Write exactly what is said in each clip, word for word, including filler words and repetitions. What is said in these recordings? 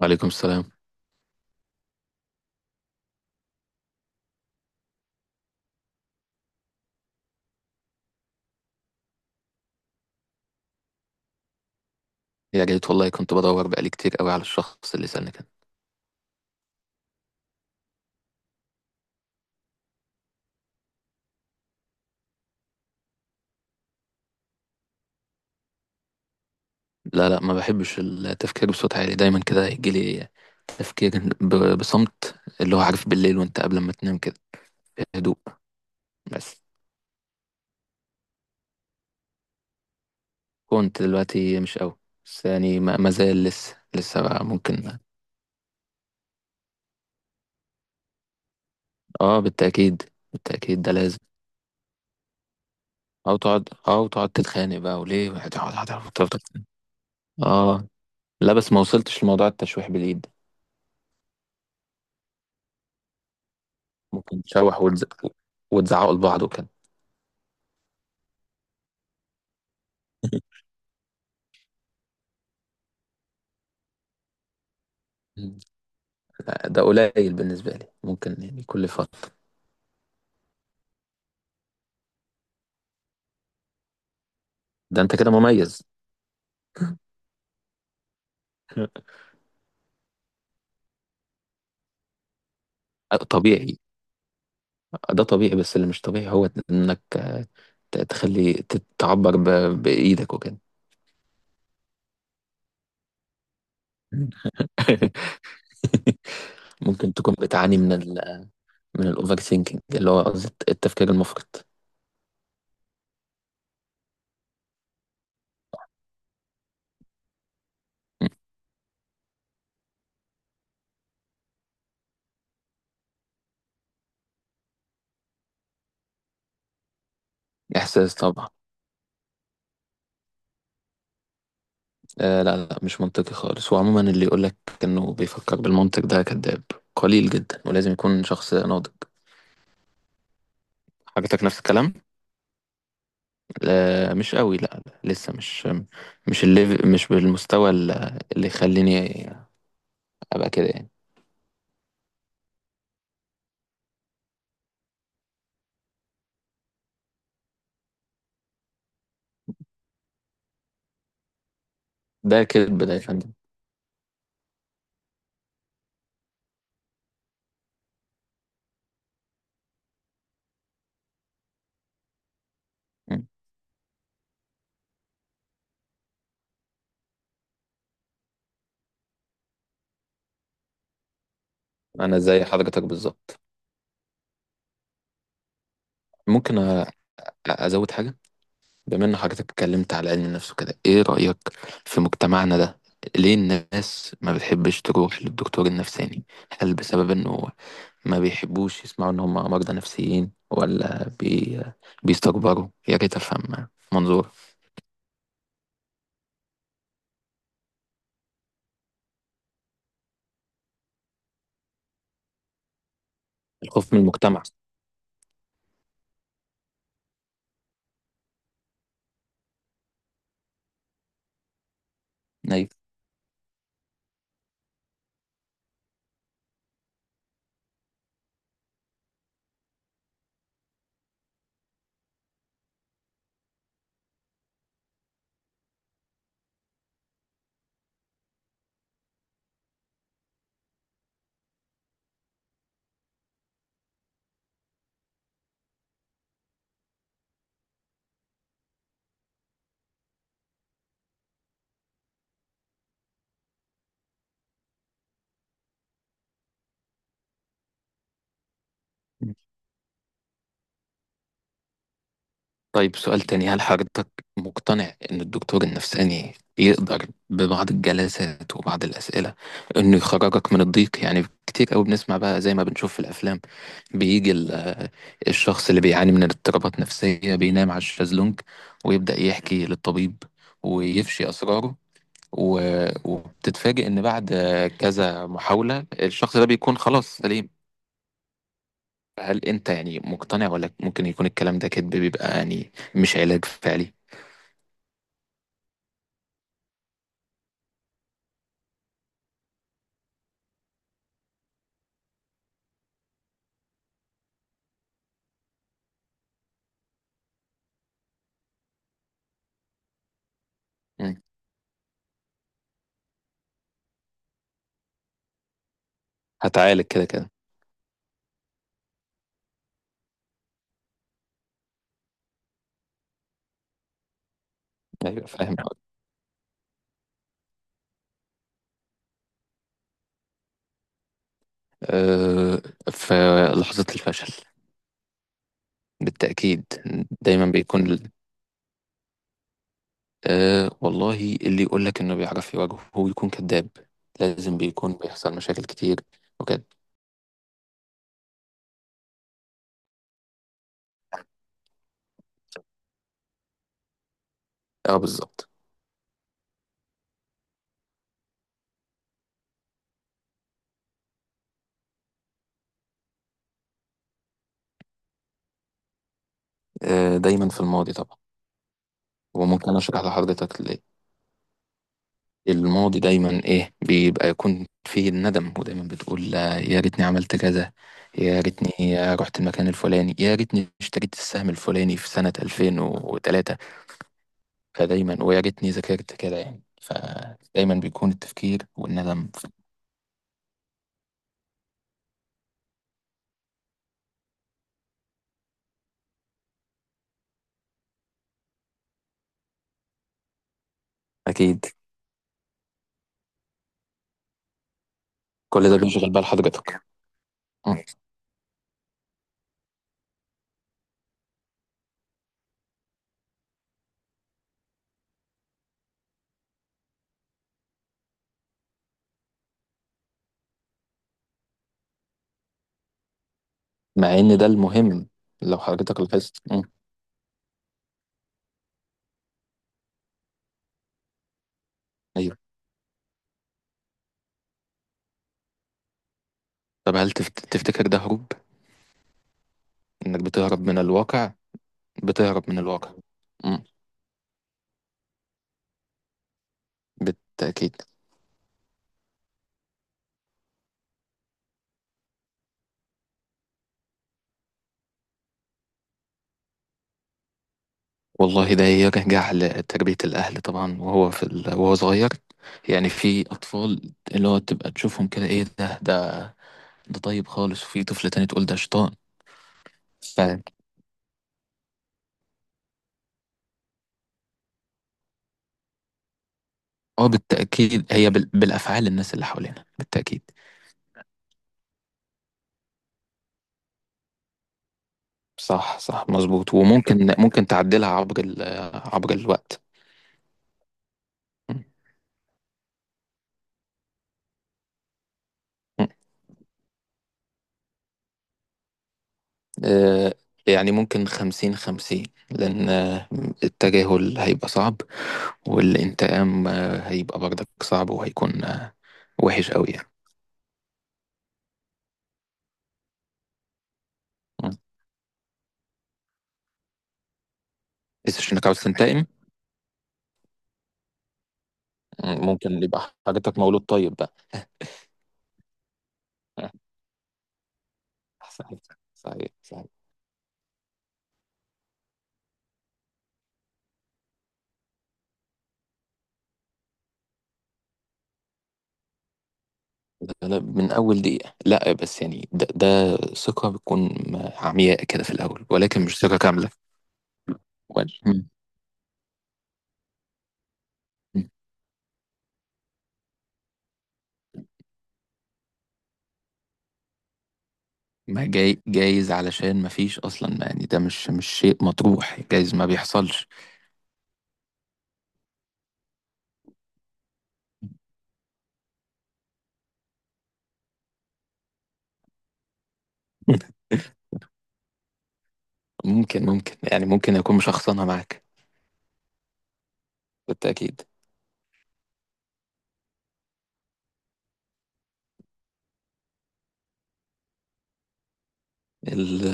وعليكم السلام. يا ريت والله، كنت بدور بقالي كتير قوي على الشخص اللي سألني كده. لا، لا، ما بحبش التفكير بصوت عالي. دايما كده يجيلي تفكير ب- بصمت، اللي هو عارف بالليل وانت قبل ما تنام كده، بهدوء. بس كنت دلوقتي مش قوي. بس يعني ما ما زال لسه لسه بقى ممكن. اه، بالتأكيد. بالتأكيد ده لازم. او تقعد او تقعد تتخانق بقى، وليه هتقعد هتقعد تفضل تتخانق. اه. لا، بس ما وصلتش لموضوع التشويح باليد ده. ممكن تشوح وتز... وتزعقوا لبعض وكده. لا، ده قليل بالنسبة لي، ممكن يعني كل فترة. ده انت كده مميز. طبيعي. ده طبيعي، بس اللي مش طبيعي هو انك ت- تخلي ت- تعبر ب- بإيدك وكده. ممكن تكون بتعاني من ال من الأوفر ثينكينج، اللي هو قصدي التفكير المفرط. م. إحساس طبعا. آه، لا، لا، مش منطقي خالص، وعموما اللي يقولك إنه بيفكر بالمنطق ده كذاب. قليل جدا، ولازم يكون شخص ناضج. حضرتك نفس الكلام. لا، مش قوي، لا. لا، لسه مش، مش الليف مش بالمستوى ال- اللي يخليني ابقى كده يعني. ده كذب ده يا فندم. مم. انا زي حضرتك بالظبط. ممكن أ- ازود حاجه. بما ان حضرتك اتكلمت على علم النفس وكده، ايه رايك في مجتمعنا ده؟ ليه الناس ما بتحبش تروح للدكتور النفساني؟ هل بسبب انه ما بيحبوش يسمعوا ان هم مرضى نفسيين، ولا بي... بيستكبروا؟ يا ريت افهم منظور. الخوف من المجتمع. ايوه. طيب سؤال تاني، هل حضرتك مقتنع إن الدكتور النفساني يقدر ببعض الجلسات وبعض الأسئلة إنه يخرجك من الضيق؟ يعني كتير قوي بنسمع بقى، زي ما بنشوف في الأفلام، بيجي ال- آه، الشخص اللي بيعاني من اضطرابات نفسية بينام على الشازلونج، ويبدأ يحكي للطبيب، ويفشي أسراره، و- وبتتفاجئ إن بعد كذا محاولة الشخص ده بيكون خلاص سليم. هل أنت يعني مقتنع، ولا ممكن يكون الكلام ده كذب بيبقى يعني مش علاج فعلي؟ هتعالج كده كده. ايوه فاهم. أه، في لحظة الفشل. بالتأكيد. دايما بيكون ال- أه والله اللي يقول لك انه بيعرف يواجهه هو يكون كذاب. لازم بيكون بيحصل مشاكل كتير وكده. اه بالظبط. أه، دايما في الماضي طبعا. وممكن اشرح لحضرتك ليه. الماضي دايما ايه، بيبقى يكون فيه الندم، ودايما بتقول آه، يا ريتني عملت كذا، يا ريتني رحت المكان الفلاني، يا ريتني اشتريت السهم الفلاني في سنة ألفين وثلاثة، فدايما ويا ريتني ذاكرت كده يعني، فدايما بيكون التفكير والندم. أكيد. كل ده بيشغل بال حضرتك. مم. مع إن ده المهم. لو حضرتك لاحظت. مم. أيوه. طب هل تفت- تفتكر ده هروب؟ إنك بتهرب من الواقع؟ بتهرب من الواقع. مم. بالتأكيد. والله ده يرجع لتربية الأهل طبعا، وهو في ال... وهو صغير. يعني في أطفال، اللي هو تبقى تشوفهم كده، إيه ده، ده ده طيب خالص، وفي طفل تاني تقول ده شيطان. اه بالتأكيد، هي بال- بالأفعال، الناس اللي حوالينا، بالتأكيد. صح، صح، مظبوط. وممكن ممكن تعدلها عبر ال عبر الوقت. م- م. آه، يعني ممكن خمسين خمسين، لأن آه، التجاهل هيبقى صعب، والانتقام آه، هيبقى برضك صعب، وهيكون آه، وحش قوي يعني. م. بس عشان انك عاوز تنتقم. م، ممكن يبقى حاجتك مولود طيب بقى. صحيح. صحيح، صحيح، لا، لا، من أول دقيقة. لا، بس يعني ده, ده ثقة بتكون عمياء كده في الأول، ولكن مش ثقة كاملة. وال- مم. مم. ما جاي جايز علشان ما فيش أصلا، ما يعني ده مش مش شيء مطروح، جايز ما بيحصلش. ممكن ممكن يعني، ممكن أكون مشخصنها معاك. بالتأكيد. ال-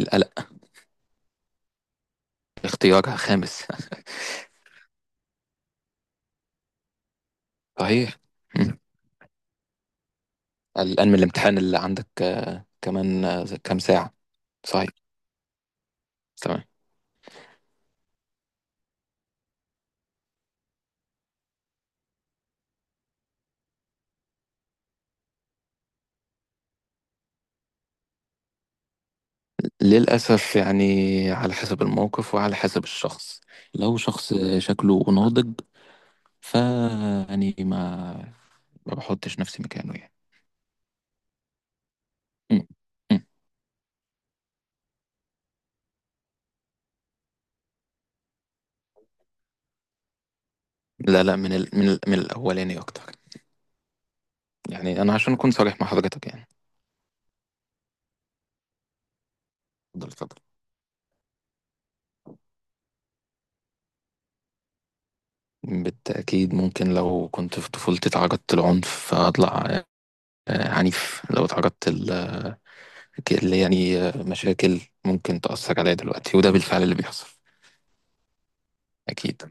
القلق. اختيار خامس. صحيح. مم. الآن من الامتحان اللي عندك آه، كمان آه، كام ساعة؟ صحيح. تمام. للأسف يعني، على حسب الموقف وعلى حسب الشخص. لو شخص شكله ناضج، فأني ما ما بحطش نفسي مكانه يعني. م. م. لا، لا، من ال... من ال... من الأولاني أكتر. يعني أنا عشان أكون صريح مع حضرتك يعني. اتفضل، اتفضل. بالتأكيد. ممكن لو كنت في طفولتي اتعرضت لعنف، فأطلع آه، عنيف. لو اتعرضت ل- اللي يعني آه، مشاكل، ممكن تأثر عليا دلوقتي، وده بالفعل اللي بيحصل. أكيد.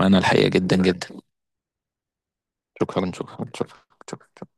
وأنا الحقيقة جدا جدا. شكرا، شكرا، شكرا، شكرا، شكرا.